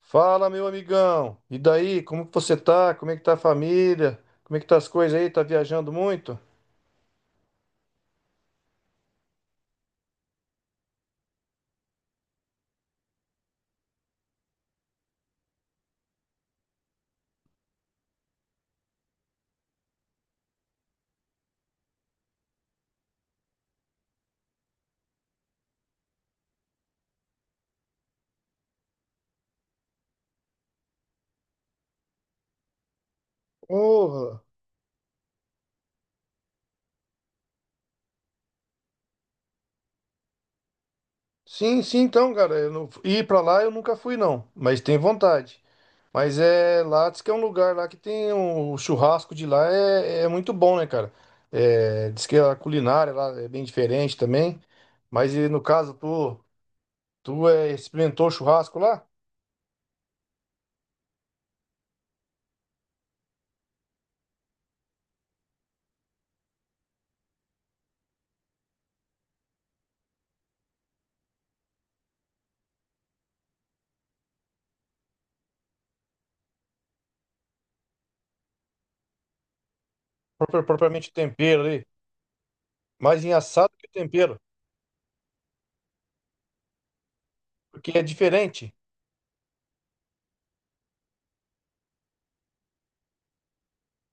Fala, meu amigão. E daí? Como que você tá? Como é que tá a família? Como é que tá as coisas aí? Tá viajando muito? Porra. Sim, sim, então, cara, eu não... ir pra lá eu nunca fui não, mas tenho vontade. Mas é lá, diz que é um lugar lá que o churrasco de lá é muito bom, né, cara? É... Diz que a culinária lá é bem diferente também. Mas e no caso, tu experimentou churrasco lá? Propriamente tempero ali, mais em assado que tempero, porque é diferente.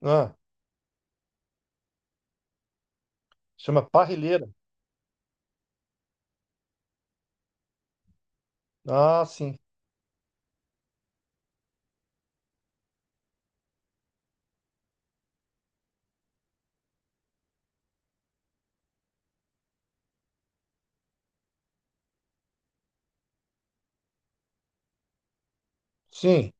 Né? Chama parrilheira. Ah, sim. Sim.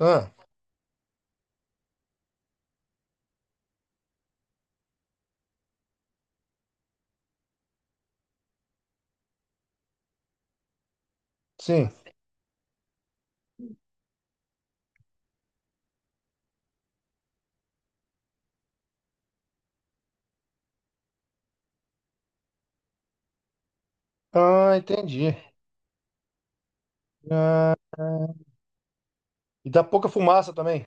Ah, sim. Ah, entendi. Ah. E dá pouca fumaça também.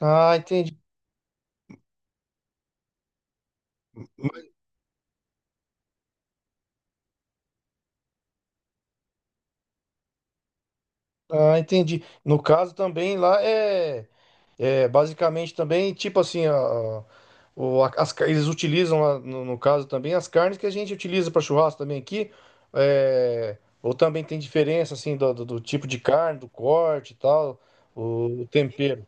Ah, entendi. Ah, entendi. No caso também lá é basicamente também tipo assim, a, o- a- as, car- eles utilizam lá, no caso também as carnes que a gente utiliza para churrasco também aqui. É, ou também tem diferença assim do tipo de carne, do corte e tal, o tempero.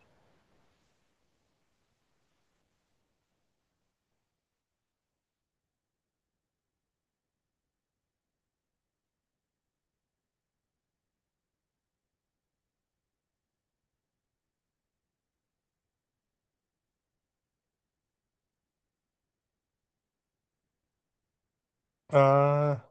Ah,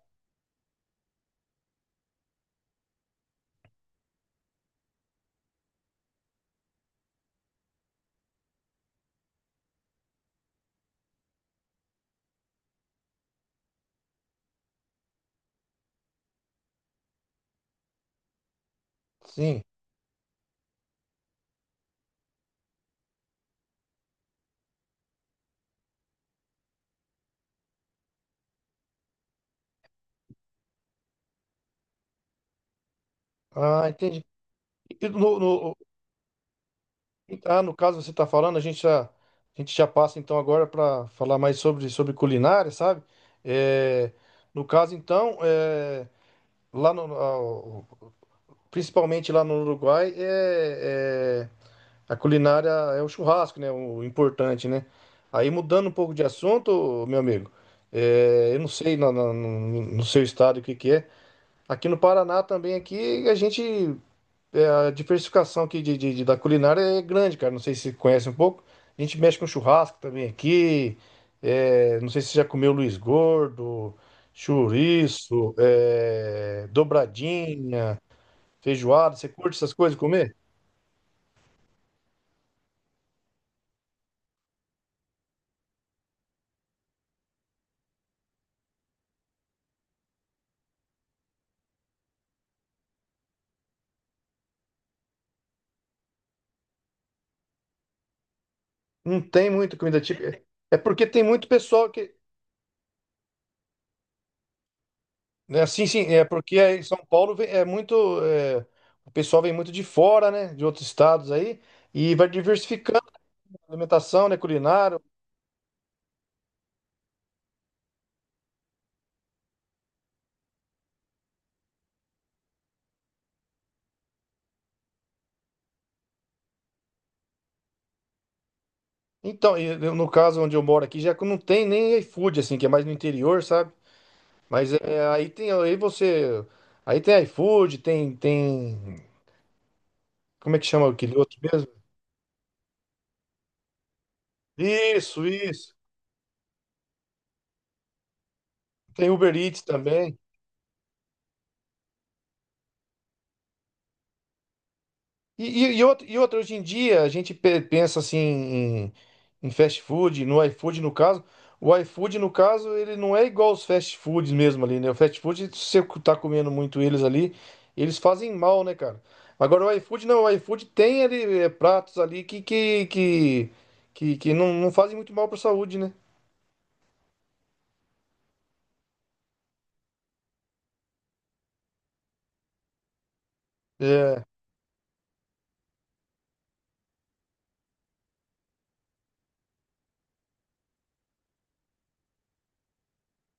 sim. Ah, entendi. E no, Ah, no caso você está falando, a gente já passa então agora para falar mais sobre culinária, sabe? É, no caso então, é, lá no, ao- principalmente lá no Uruguai, a culinária é o churrasco, né? O importante, né? Aí mudando um pouco de assunto, meu amigo, é, eu não sei no seu estado o que que é. Aqui no Paraná também, aqui a gente é, a diversificação aqui da culinária é grande, cara. Não sei se você conhece um pouco. A gente mexe com churrasco também aqui. É, não sei se você já comeu Luiz Gordo, chouriço, é, dobradinha, feijoada. Você curte essas coisas comer? Não tem muita comida típica. É porque tem muito pessoal que. Né, sim, sim, é porque aí em São Paulo é muito. É, o pessoal vem muito de fora, né? De outros estados aí. E vai diversificando a alimentação, né? Culinária. Então, no caso onde eu moro aqui, já que não tem nem iFood, assim, que é mais no interior, sabe? Mas é, aí tem iFood, tem, como é que chama aquele outro mesmo? Isso, isso. Tem Uber Eats também. E outra, e outra, hoje em dia a gente pensa assim em fast food, no iFood no caso. O iFood, no caso, ele não é igual aos fast foods mesmo ali, né? O fast food, se você tá comendo muito eles ali, eles fazem mal, né, cara? Agora o iFood não, o iFood tem ali é, pratos ali que não fazem muito mal pra saúde, né? É,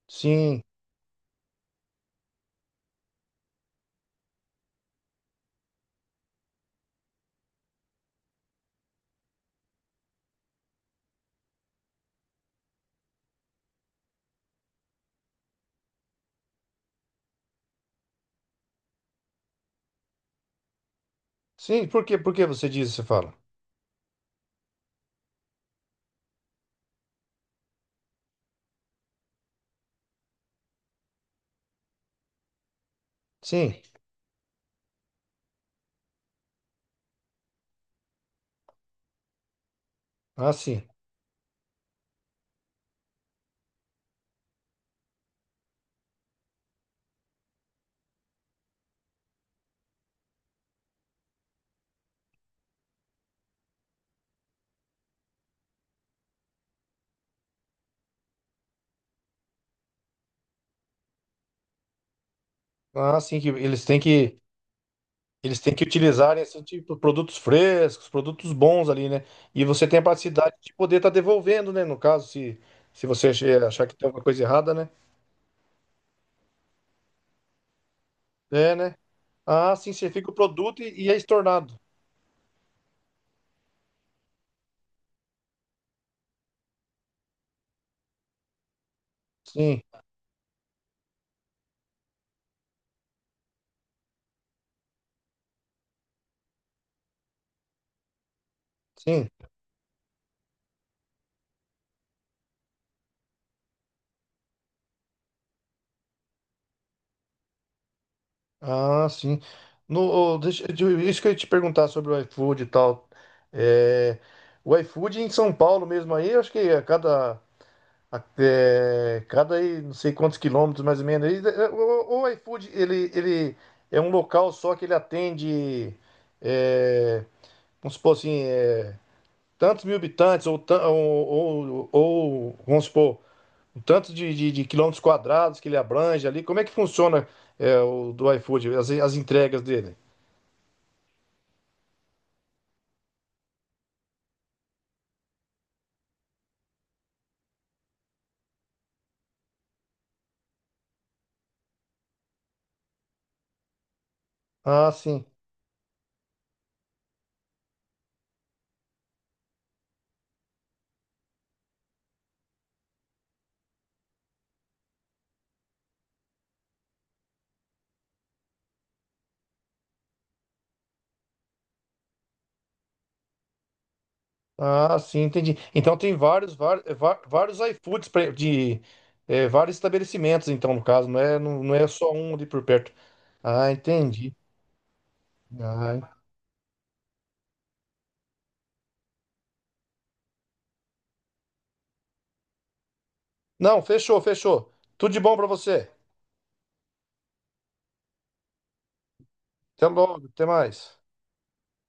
sim. Sim, por quê? Por que você diz, você fala? Sim. Ah, sim. Ah, sim, que eles têm que. Eles têm que utilizar assim, tipo, produtos frescos, produtos bons ali, né? E você tem a capacidade de poder estar devolvendo, né? No caso, se você achar que tem alguma coisa errada, né? É, né? Ah, sim, você fica o produto e é estornado. Sim, sim. Ah, sim. No, ô, deixa, isso que eu ia te perguntar sobre o iFood e tal. É, o iFood em São Paulo mesmo aí, eu acho que a cada... Até cada aí, não sei quantos quilômetros mais ou menos. Aí, é, o iFood, ele é um local só que ele atende, é, vamos supor assim, é, tantos mil habitantes, ou, ou, vamos supor, um tanto de quilômetros quadrados que ele abrange ali. Como é que funciona, o do iFood, as entregas dele? Ah, sim. Ah, sim, entendi. Então tem vários, var- eh, va- vários, iFoods pra- de é, vários estabelecimentos, então, no caso, não é só um ali por perto. Ah, entendi. Ah. Não, fechou, fechou. Tudo de bom pra você. Até logo, até mais.